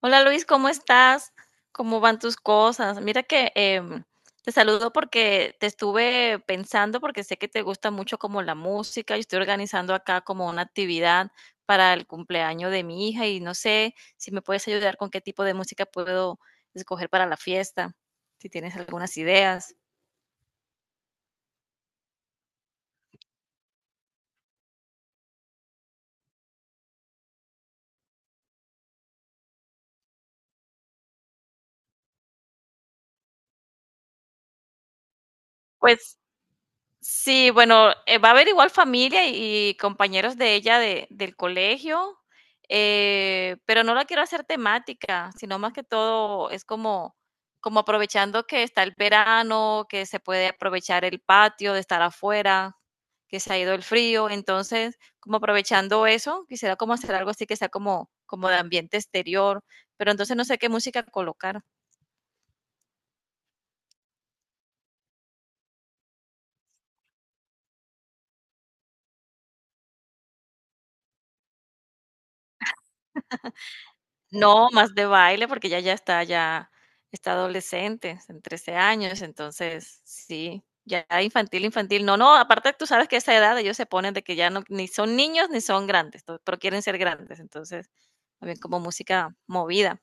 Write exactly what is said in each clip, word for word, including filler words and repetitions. Hola Luis, ¿cómo estás? ¿Cómo van tus cosas? Mira que em, te saludo porque te estuve pensando, porque sé que te gusta mucho como la música y estoy organizando acá como una actividad para el cumpleaños de mi hija y no sé si me puedes ayudar con qué tipo de música puedo escoger para la fiesta, si tienes algunas ideas. Pues sí, bueno, eh, va a haber igual familia y, y compañeros de ella de, del colegio, eh, pero no la quiero hacer temática, sino más que todo es como, como aprovechando que está el verano, que se puede aprovechar el patio de estar afuera, que se ha ido el frío, entonces como aprovechando eso, quisiera como hacer algo así que sea como, como de ambiente exterior, pero entonces no sé qué música colocar. No, más de baile, porque ya ya está ya está adolescente, en trece años, entonces sí, ya infantil, infantil. No, no, aparte tú sabes que a esa edad ellos se ponen de que ya no ni son niños ni son grandes, to pero quieren ser grandes, entonces, también como música movida.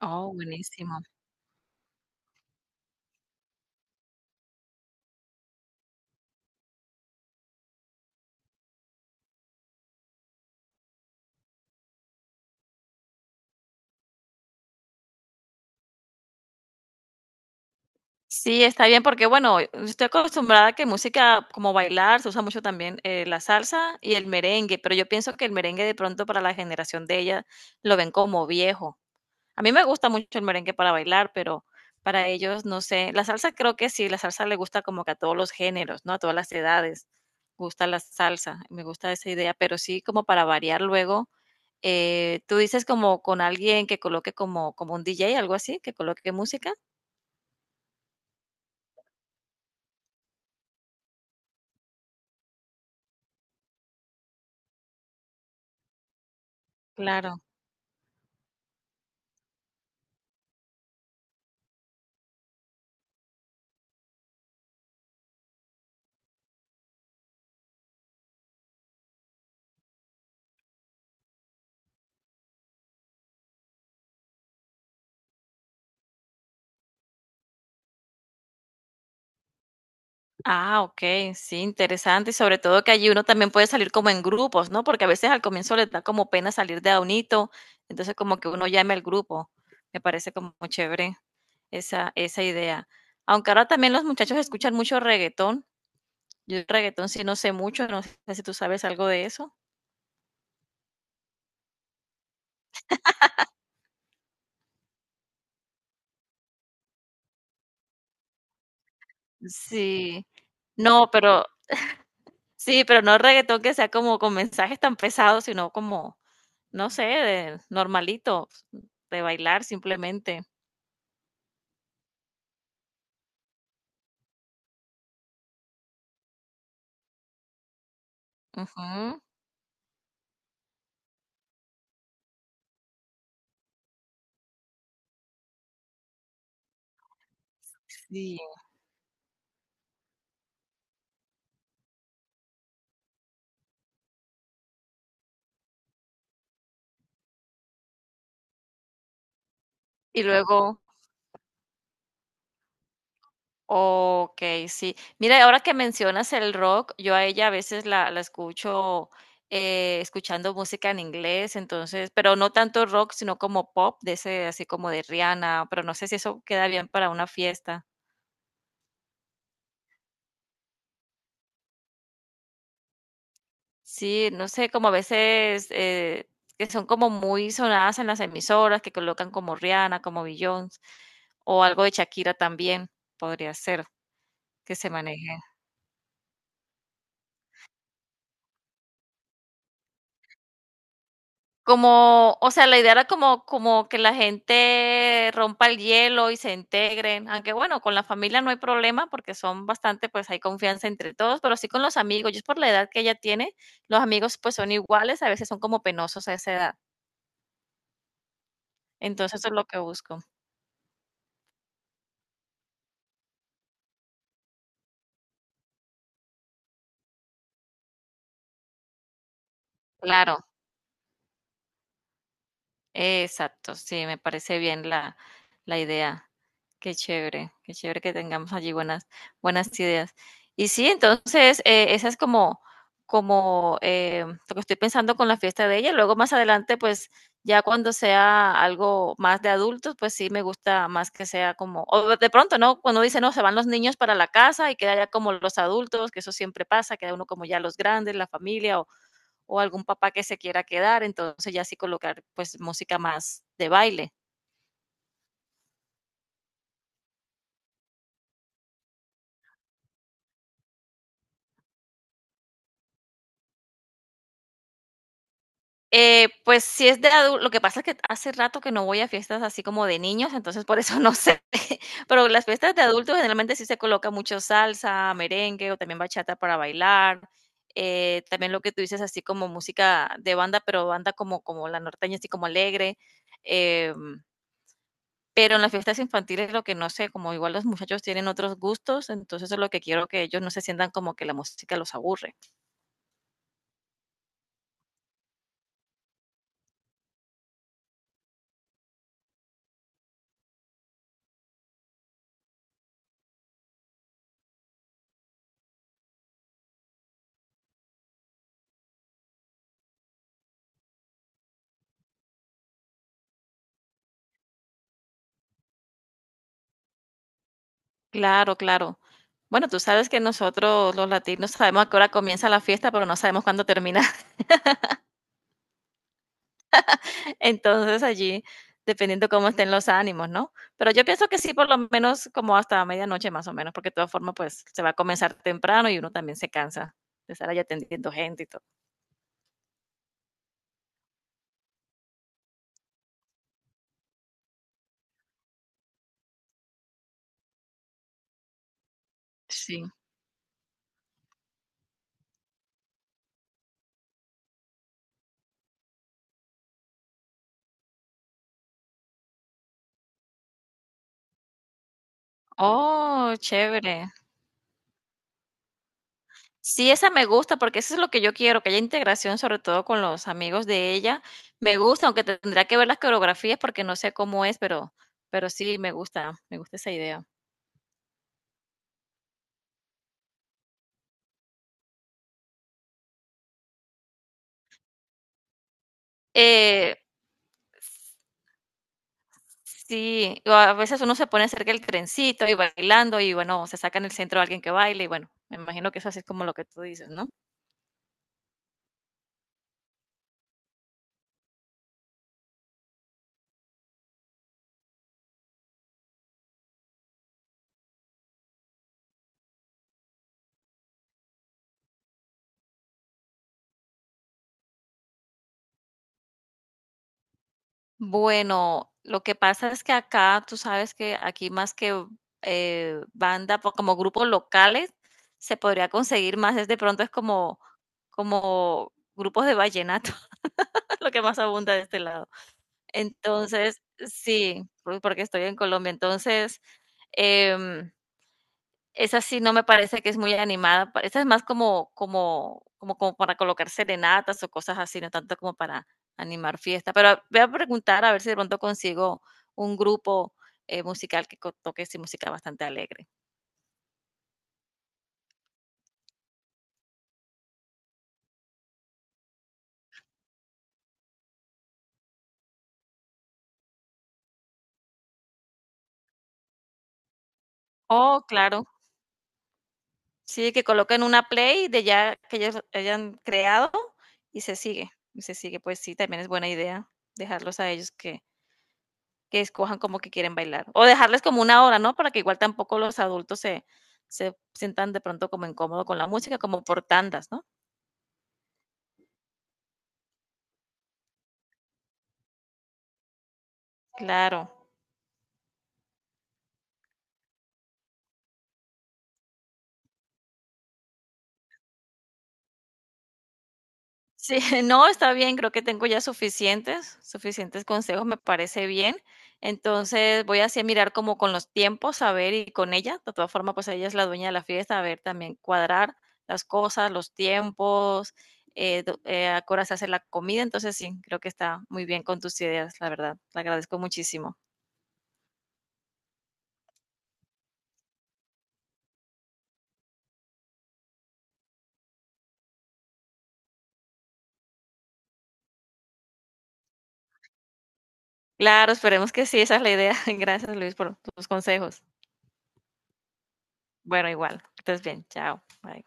Oh, buenísimo. Sí, está bien, porque bueno, estoy acostumbrada a que música como bailar, se usa mucho también, eh, la salsa y el merengue, pero yo pienso que el merengue de pronto para la generación de ella lo ven como viejo. A mí me gusta mucho el merengue para bailar, pero para ellos, no sé. La salsa creo que sí, la salsa le gusta como que a todos los géneros, ¿no? A todas las edades. Gusta la salsa, me gusta esa idea, pero sí como para variar luego. Eh, tú dices como con alguien que coloque como, como un D J, algo así, que coloque música. Claro. Ah, ok, sí, interesante. Y sobre todo que allí uno también puede salir como en grupos, ¿no? Porque a veces al comienzo les da como pena salir de a unito, entonces como que uno llame al grupo. Me parece como muy chévere esa, esa idea. Aunque ahora también los muchachos escuchan mucho reggaetón. Yo el reggaetón sí no sé mucho, no sé si tú sabes algo de eso. Sí, no, pero sí, pero no reggaetón que sea como con mensajes tan pesados, sino como, no sé, de normalito, de bailar simplemente. Ujú. Sí. Y luego okey, sí. Mira, ahora que mencionas el rock, yo a ella a veces la la escucho, eh, escuchando música en inglés, entonces, pero no tanto rock, sino como pop, de ese así como de Rihanna, pero no sé si eso queda bien para una fiesta. Sí, no sé, como a veces, eh, que son como muy sonadas en las emisoras, que colocan como Rihanna, como Beyoncé, o algo de Shakira también podría ser que se maneje. Como, o sea, la idea era como como que la gente rompa el hielo y se integren, aunque bueno, con la familia no hay problema porque son bastante, pues hay confianza entre todos, pero sí con los amigos. Yo es por la edad que ella tiene, los amigos pues son iguales, a veces son como penosos a esa edad. Entonces eso es lo que busco. Claro. Exacto, sí, me parece bien la, la idea. Qué chévere, qué chévere que tengamos allí buenas, buenas ideas. Y sí, entonces, eh, esa es como, como eh, lo que estoy pensando con la fiesta de ella. Luego más adelante, pues ya cuando sea algo más de adultos, pues sí me gusta más que sea como, o de pronto, ¿no? Cuando dice, no, se van los niños para la casa y queda ya como los adultos, que eso siempre pasa, queda uno como ya los grandes, la familia, o o algún papá que se quiera quedar, entonces ya sí colocar pues música más de baile. Eh, pues si es de adulto, lo que pasa es que hace rato que no voy a fiestas así como de niños, entonces por eso no sé. Pero las fiestas de adultos generalmente sí se coloca mucho salsa, merengue o también bachata para bailar. Eh, también lo que tú dices así como música de banda, pero banda como, como la norteña, así como alegre. em, Pero en las fiestas infantiles lo que no sé, como igual los muchachos tienen otros gustos, entonces es lo que quiero que ellos no se sientan como que la música los aburre. Claro, claro. Bueno, tú sabes que nosotros los latinos sabemos a qué hora comienza la fiesta, pero no sabemos cuándo termina. Entonces allí, dependiendo cómo estén los ánimos, ¿no? Pero yo pienso que sí, por lo menos como hasta medianoche más o menos, porque de todas formas, pues se va a comenzar temprano y uno también se cansa de estar allá atendiendo gente y todo. Sí. Oh, chévere. Sí, esa me gusta porque eso es lo que yo quiero, que haya integración sobre todo con los amigos de ella. Me gusta, aunque tendría que ver las coreografías porque no sé cómo es, pero, pero sí, me gusta, me gusta esa idea. Eh, sí, o a veces uno se pone cerca del trencito y bailando y bueno, se saca en el centro a alguien que baile y bueno, me imagino que eso así es como lo que tú dices, ¿no? Bueno, lo que pasa es que acá, tú sabes que aquí más que eh, banda, po- como grupos locales, se podría conseguir más, es de pronto es como, como grupos de vallenato, lo que más abunda de este lado. Entonces, sí, por- porque estoy en Colombia, entonces, em, esa sí no me parece que es muy animada, pa esa es más como como como como para colocar serenatas o cosas así, no tanto como para animar fiesta, pero a- voy a preguntar a ver si de pronto consigo un grupo, eh, musical que co toque sí música bastante alegre. Oh, claro. Sí, que coloquen una play de ya que ellos hayan creado y se sigue y se sigue. Pues sí, también es buena idea dejarlos a ellos que que escojan como que quieren bailar. O dejarles como una hora, ¿no? Para que igual tampoco los adultos se, se sientan de pronto como incómodo con la música, como por tandas, ¿no? Claro. Sí, no, está bien, creo que tengo ya suficientes, suficientes consejos, me parece bien. Entonces voy así a mirar como con los tiempos, a ver, y con ella, de todas formas, pues ella es la dueña de la fiesta, a ver también cuadrar las cosas, los tiempos, eh, do- eh, a qué hora se hace la comida, entonces sí, creo que está muy bien con tus ideas, la verdad, te agradezco muchísimo. Claro, esperemos que sí, esa es la idea. Gracias, Luis, por tus consejos. Bueno, igual, que estés bien. Chao. Bye.